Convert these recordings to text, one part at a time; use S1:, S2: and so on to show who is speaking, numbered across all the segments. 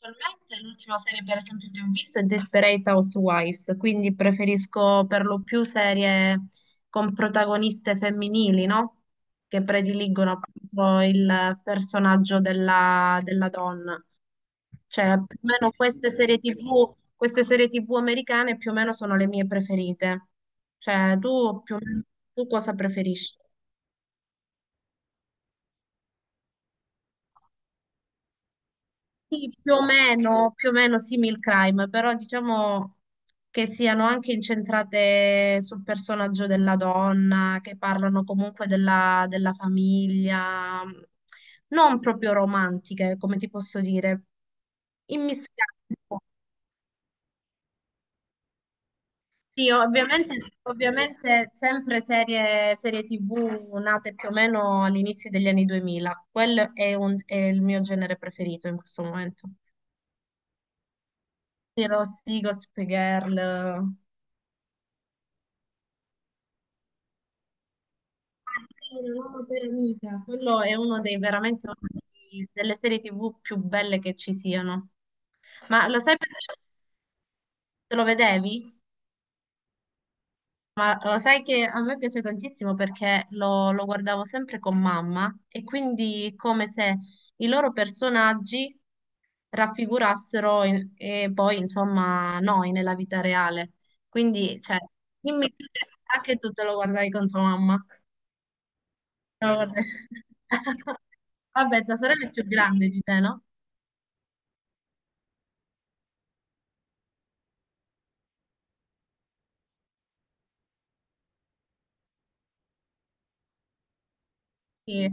S1: Attualmente l'ultima serie per esempio che ho visto è Desperate Housewives, quindi preferisco per lo più serie con protagoniste femminili, no? Che prediligono appunto il personaggio della donna. Cioè, più o meno queste serie TV, queste serie TV americane più o meno sono le mie preferite. Cioè, tu più o meno, tu cosa preferisci? Sì, più o meno simil crime, però diciamo che siano anche incentrate sul personaggio della donna, che parlano comunque della famiglia, non proprio romantiche, come ti posso dire, immischiate. Un po'. Sì, ovviamente, ovviamente sempre serie TV nate più o meno all'inizio degli anni 2000, quello è è il mio genere preferito in questo momento. Sì, Rossi, Gossip Girl. Una nuova per amica. Quello è uno dei veramente uno dei- delle serie TV più belle che ci siano. Ma lo sai perché te lo vedevi? Ma lo sai che a me piace tantissimo perché lo guardavo sempre con mamma e quindi è come se i loro personaggi e poi insomma noi nella vita reale. Quindi, cioè, dimmi tu che anche tu te lo guardavi con tua mamma. Te lo guardavi- Vabbè, tua sorella è più grande di te, no? Sì.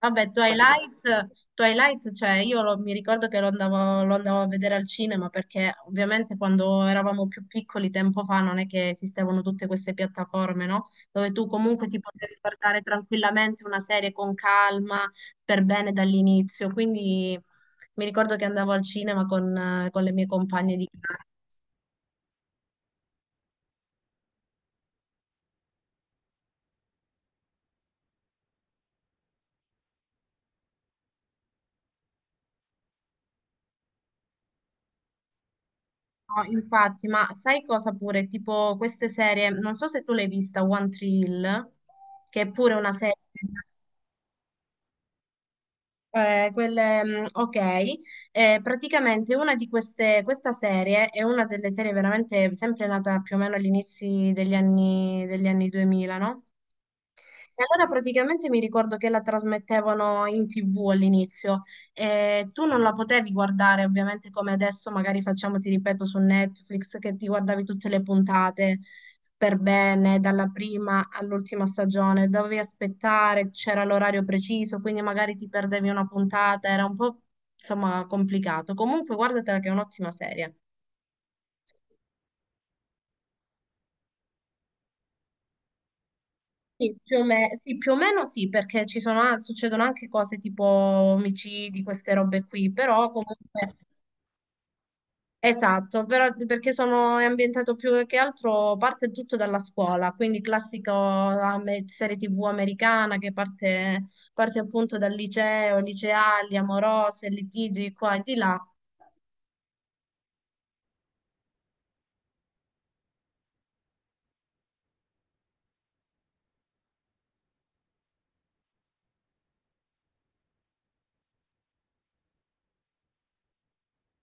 S1: Vabbè, Twilight, Twilight, cioè io mi ricordo che lo andavo a vedere al cinema perché ovviamente quando eravamo più piccoli tempo fa non è che esistevano tutte queste piattaforme, no? Dove tu comunque ti potevi guardare tranquillamente una serie con calma, per bene dall'inizio. Quindi mi ricordo che andavo al cinema con le mie compagne di classe. No, infatti, ma sai cosa pure? Tipo queste serie, non so se tu l'hai vista, One Tree Hill, che è pure una serie. Quelle, ok, eh, praticamente una di queste, questa serie è una delle serie veramente sempre nata più o meno all'inizio degli anni 2000, no? E allora praticamente mi ricordo che la trasmettevano in TV all'inizio e tu non la potevi guardare ovviamente come adesso magari facciamo, ti ripeto, su Netflix che ti guardavi tutte le puntate per bene, dalla prima all'ultima stagione, dovevi aspettare, c'era l'orario preciso, quindi magari ti perdevi una puntata, era un po' insomma complicato. Comunque guardatela che è un'ottima serie. Sì, più o meno sì, perché ci sono, succedono anche cose tipo omicidi, queste robe qui, però comunque, esatto, però, perché sono, è ambientato più che altro, parte tutto dalla scuola, quindi classico serie TV americana che parte appunto dal liceo, liceali, amorose, litigi qua e di là,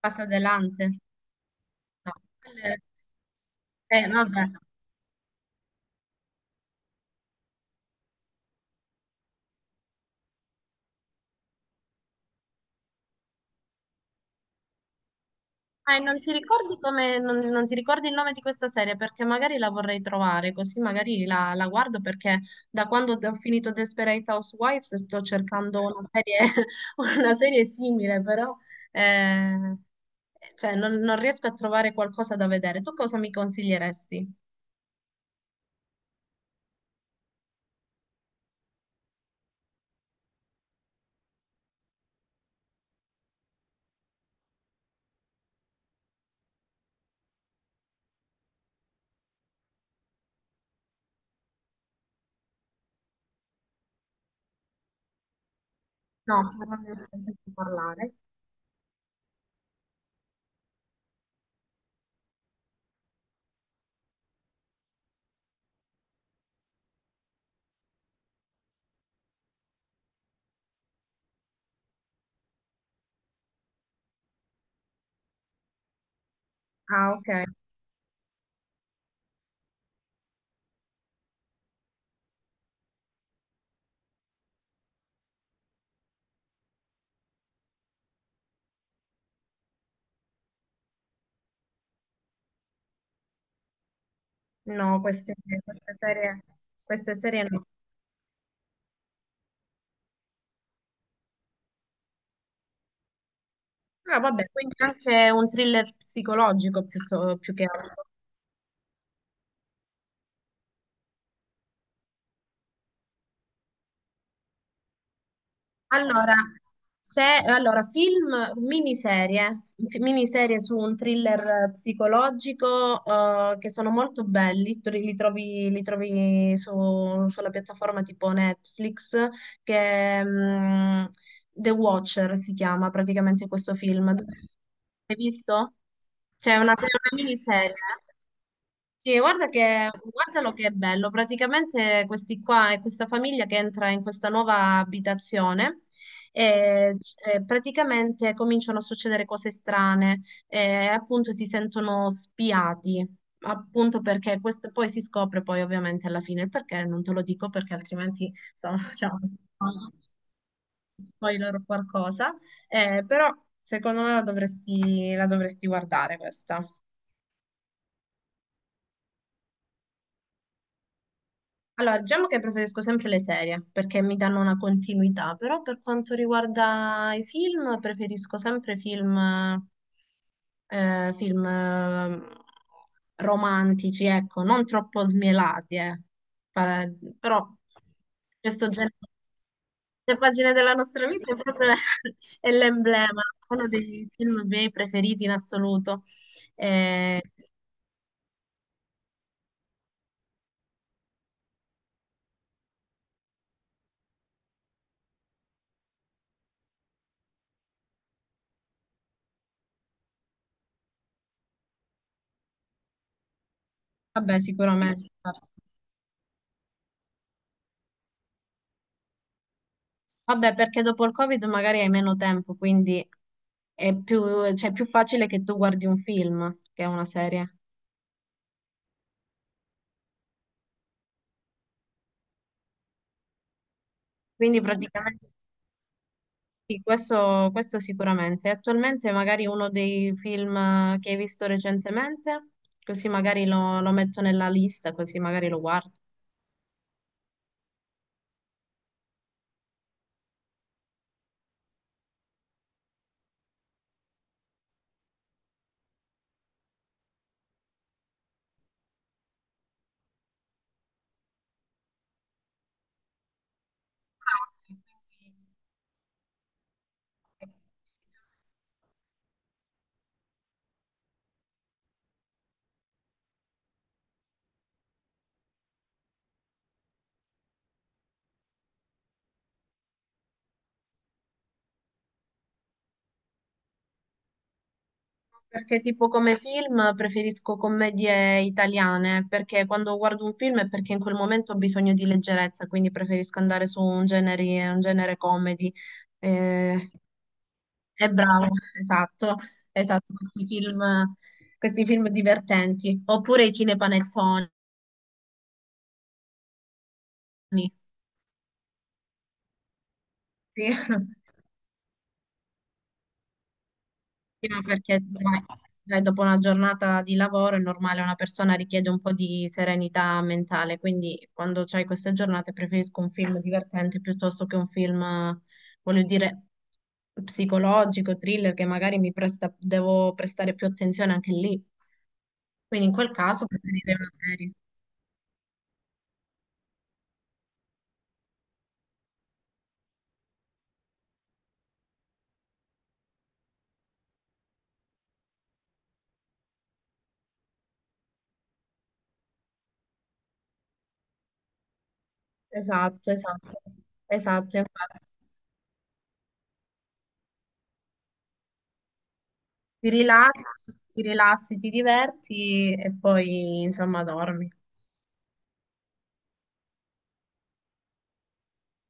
S1: passa adelante. No, quelle- no, vabbè. Non ti ricordi come, non ti ricordi il nome di questa serie perché magari la vorrei trovare, così magari la guardo perché da quando ho finito Desperate Housewives sto cercando una serie, una serie simile, però eh, cioè, non riesco a trovare qualcosa da vedere. Tu cosa mi consiglieresti? No, però non ho sentito parlare. Ah, ok. No, queste serie, queste serie no. Ah, vabbè, quindi anche un thriller psicologico più, più che altro. Allora, se, allora, film, miniserie, miniserie su un thriller psicologico che sono molto belli, tu li trovi, li trovi sulla piattaforma tipo Netflix, che mm, The Watcher si chiama praticamente questo film. Hai visto? Cioè, è una miniserie. Sì, guarda che, guardalo che è bello. Praticamente questi qua è questa famiglia che entra in questa nuova abitazione e praticamente cominciano a succedere cose strane e appunto si sentono spiati, appunto perché questo poi si scopre poi ovviamente alla fine il perché, non te lo dico perché altrimenti insomma, facciamo spoiler o qualcosa, eh, però secondo me la dovresti guardare questa. Allora, diciamo che preferisco sempre le serie perché mi danno una continuità, però per quanto riguarda i film, preferisco sempre film, film romantici, ecco, non troppo smielati, eh. Pa- Però questo genere, le pagine della nostra vita è proprio è l'emblema, uno dei film miei preferiti in assoluto. Eh, vabbè, sicuramente. Vabbè, perché dopo il Covid magari hai meno tempo, quindi è più, cioè, è più facile che tu guardi un film che una serie. Quindi praticamente sì, questo sicuramente. Attualmente magari uno dei film che hai visto recentemente, così magari lo metto nella lista, così magari lo guardo. Ah, ok, quindi- perché tipo come film preferisco commedie italiane, perché quando guardo un film è perché in quel momento ho bisogno di leggerezza, quindi preferisco andare su un genere comedy. Eh, è bravo, esatto, esatto, questi film divertenti. Oppure i cinepanettoni. Sì. prima perché dai, dai, dopo una giornata di lavoro è normale, una persona richiede un po' di serenità mentale, quindi quando c'hai queste giornate preferisco un film divertente piuttosto che un film, voglio dire, psicologico, thriller, che magari mi presta, devo prestare più attenzione anche lì. Quindi in quel caso preferirei una serie. Esatto, esatto, esatto, infatti. Ti rilassi, ti diverti e poi insomma dormi.